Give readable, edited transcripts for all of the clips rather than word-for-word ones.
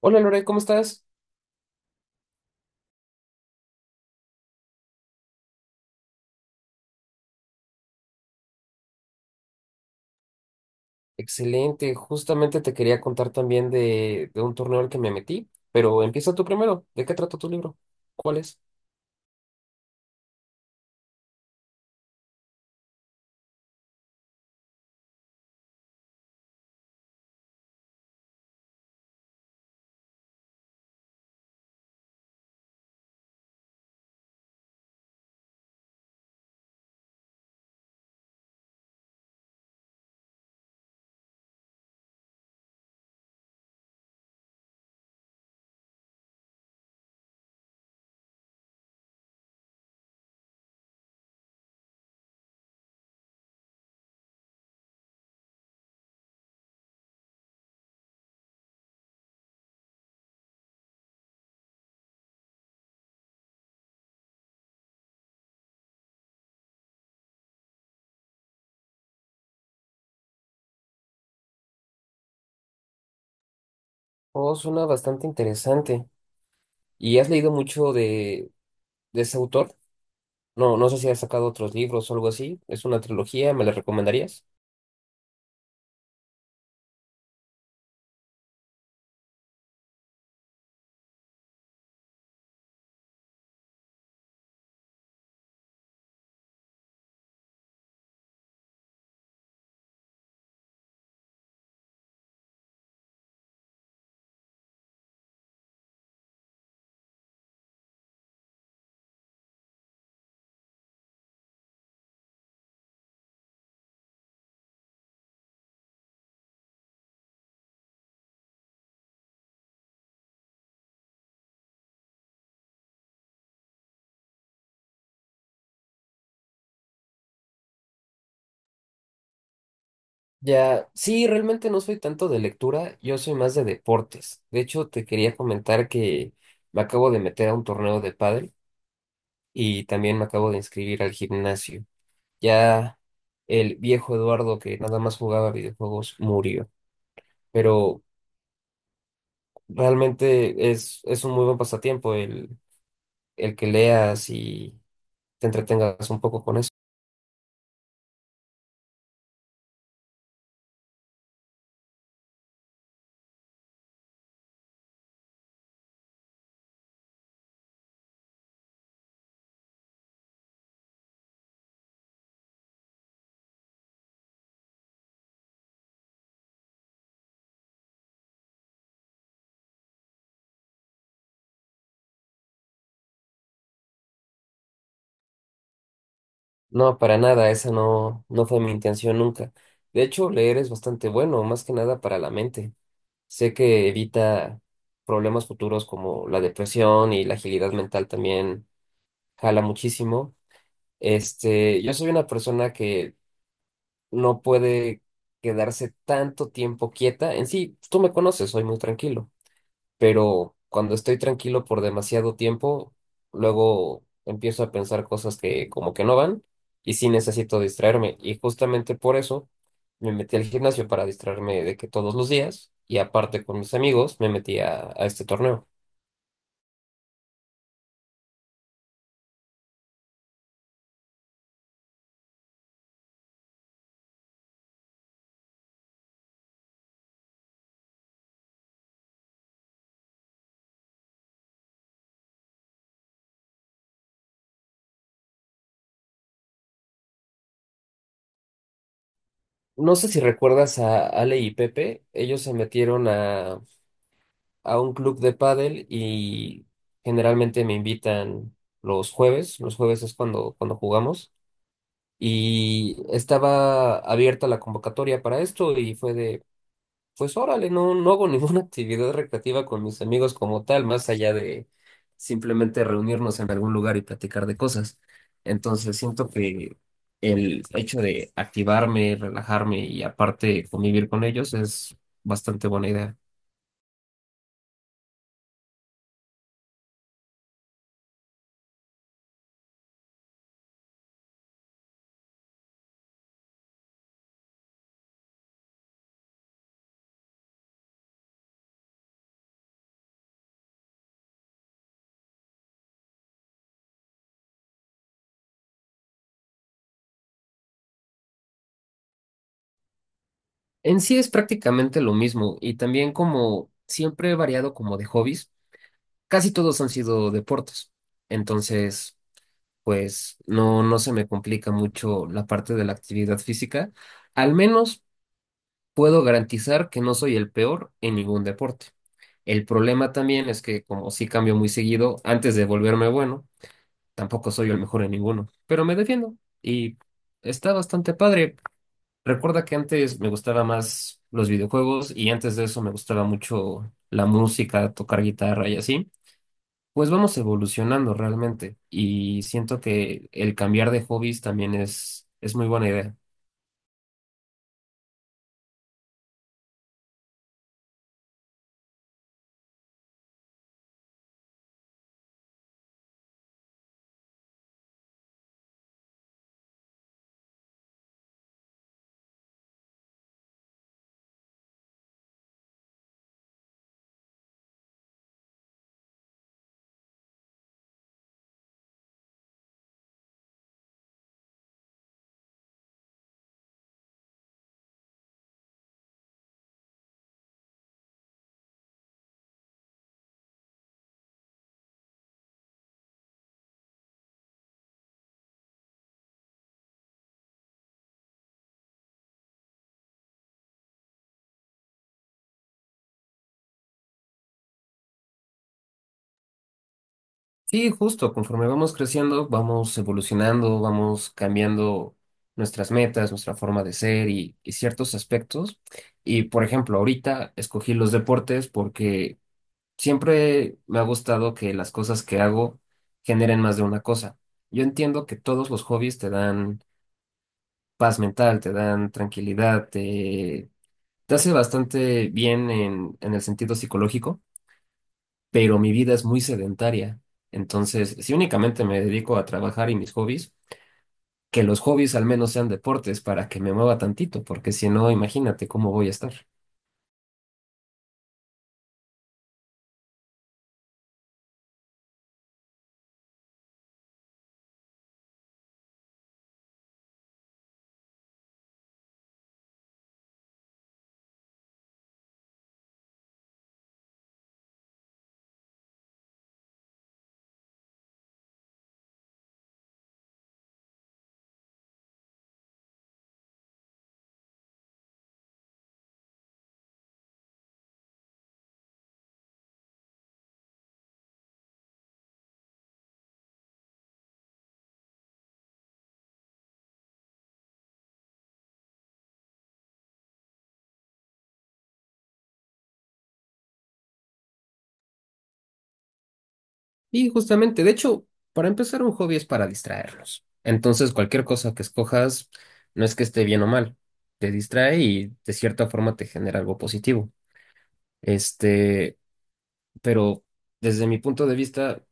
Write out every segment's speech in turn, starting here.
Hola Lore, ¿cómo estás? Excelente, justamente te quería contar también de un torneo al que me metí, pero empieza tú primero. ¿De qué trata tu libro? ¿Cuál es? Oh, suena bastante interesante. ¿Y has leído mucho de ese autor? No, no sé si has sacado otros libros o algo así. ¿Es una trilogía? ¿Me la recomendarías? Ya, sí, realmente no soy tanto de lectura, yo soy más de deportes. De hecho, te quería comentar que me acabo de meter a un torneo de pádel y también me acabo de inscribir al gimnasio. Ya el viejo Eduardo que nada más jugaba videojuegos murió. Pero realmente es un muy buen pasatiempo el que leas y te entretengas un poco con eso. No, para nada, esa no fue mi intención nunca. De hecho, leer es bastante bueno, más que nada para la mente. Sé que evita problemas futuros como la depresión y la agilidad mental también jala muchísimo. Este, yo soy una persona que no puede quedarse tanto tiempo quieta. En sí, pues, tú me conoces, soy muy tranquilo, pero cuando estoy tranquilo por demasiado tiempo, luego empiezo a pensar cosas que como que no van y sí necesito distraerme. Y justamente por eso me metí al gimnasio para distraerme de que todos los días y aparte con mis amigos me metí a este torneo. No sé si recuerdas a Ale y Pepe, ellos se metieron a un club de pádel y generalmente me invitan los jueves. Los jueves es cuando jugamos. Y estaba abierta la convocatoria para esto y fue de, pues órale, no, no hago ninguna actividad recreativa con mis amigos como tal, más allá de simplemente reunirnos en algún lugar y platicar de cosas. Entonces siento que el hecho de activarme, relajarme y aparte convivir con ellos es bastante buena idea. En sí es prácticamente lo mismo y también como siempre he variado como de hobbies, casi todos han sido deportes. Entonces, pues no, no se me complica mucho la parte de la actividad física. Al menos puedo garantizar que no soy el peor en ningún deporte. El problema también es que como sí cambio muy seguido, antes de volverme bueno, tampoco soy el mejor en ninguno, pero me defiendo y está bastante padre. Recuerda que antes me gustaba más los videojuegos y antes de eso me gustaba mucho la música, tocar guitarra y así. Pues vamos evolucionando realmente y siento que el cambiar de hobbies también es muy buena idea. Sí, justo, conforme vamos creciendo, vamos evolucionando, vamos cambiando nuestras metas, nuestra forma de ser y ciertos aspectos. Y por ejemplo, ahorita escogí los deportes porque siempre me ha gustado que las cosas que hago generen más de una cosa. Yo entiendo que todos los hobbies te dan paz mental, te dan tranquilidad, te hace bastante bien en el sentido psicológico, pero mi vida es muy sedentaria. Entonces, si únicamente me dedico a trabajar y mis hobbies, que los hobbies al menos sean deportes para que me mueva tantito, porque si no, imagínate cómo voy a estar. Y justamente, de hecho, para empezar, un hobby es para distraernos. Entonces, cualquier cosa que escojas no es que esté bien o mal, te distrae y de cierta forma te genera algo positivo. Este, pero desde mi punto de vista,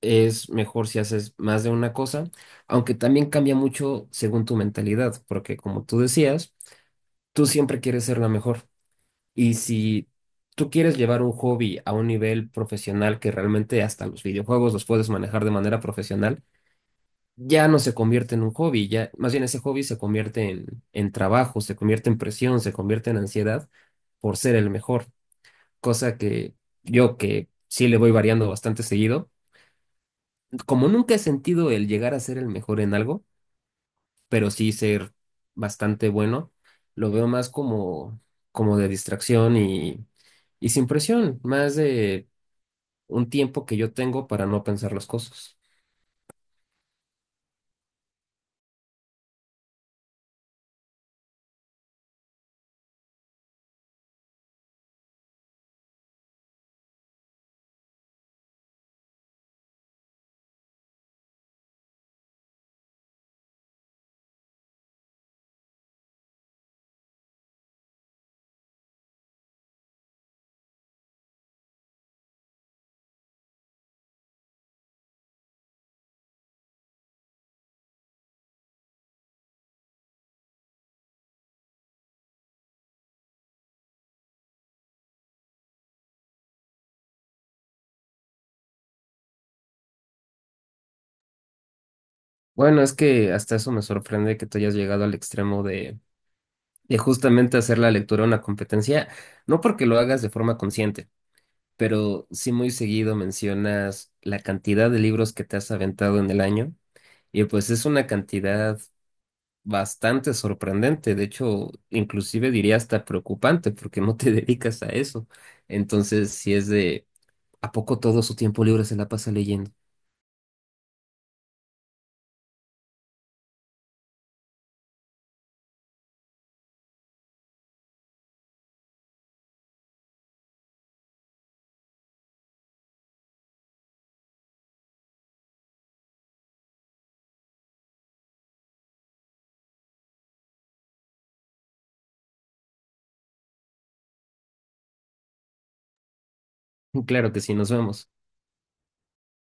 es mejor si haces más de una cosa, aunque también cambia mucho según tu mentalidad, porque como tú decías, tú siempre quieres ser la mejor. Y si tú quieres llevar un hobby a un nivel profesional que realmente hasta los videojuegos los puedes manejar de manera profesional, ya no se convierte en un hobby, ya más bien ese hobby se convierte en trabajo, se convierte en presión, se convierte en ansiedad por ser el mejor, cosa que yo que sí le voy variando bastante seguido, como nunca he sentido el llegar a ser el mejor en algo, pero sí ser bastante bueno, lo veo más como, como de distracción y sin presión, más de un tiempo que yo tengo para no pensar las cosas. Bueno, es que hasta eso me sorprende que tú hayas llegado al extremo de justamente hacer la lectura una competencia, no porque lo hagas de forma consciente, pero sí muy seguido mencionas la cantidad de libros que te has aventado en el año y pues es una cantidad bastante sorprendente, de hecho, inclusive diría hasta preocupante porque no te dedicas a eso. Entonces, si es de, ¿a poco todo su tiempo libre se la pasa leyendo? Claro que sí, nos vemos.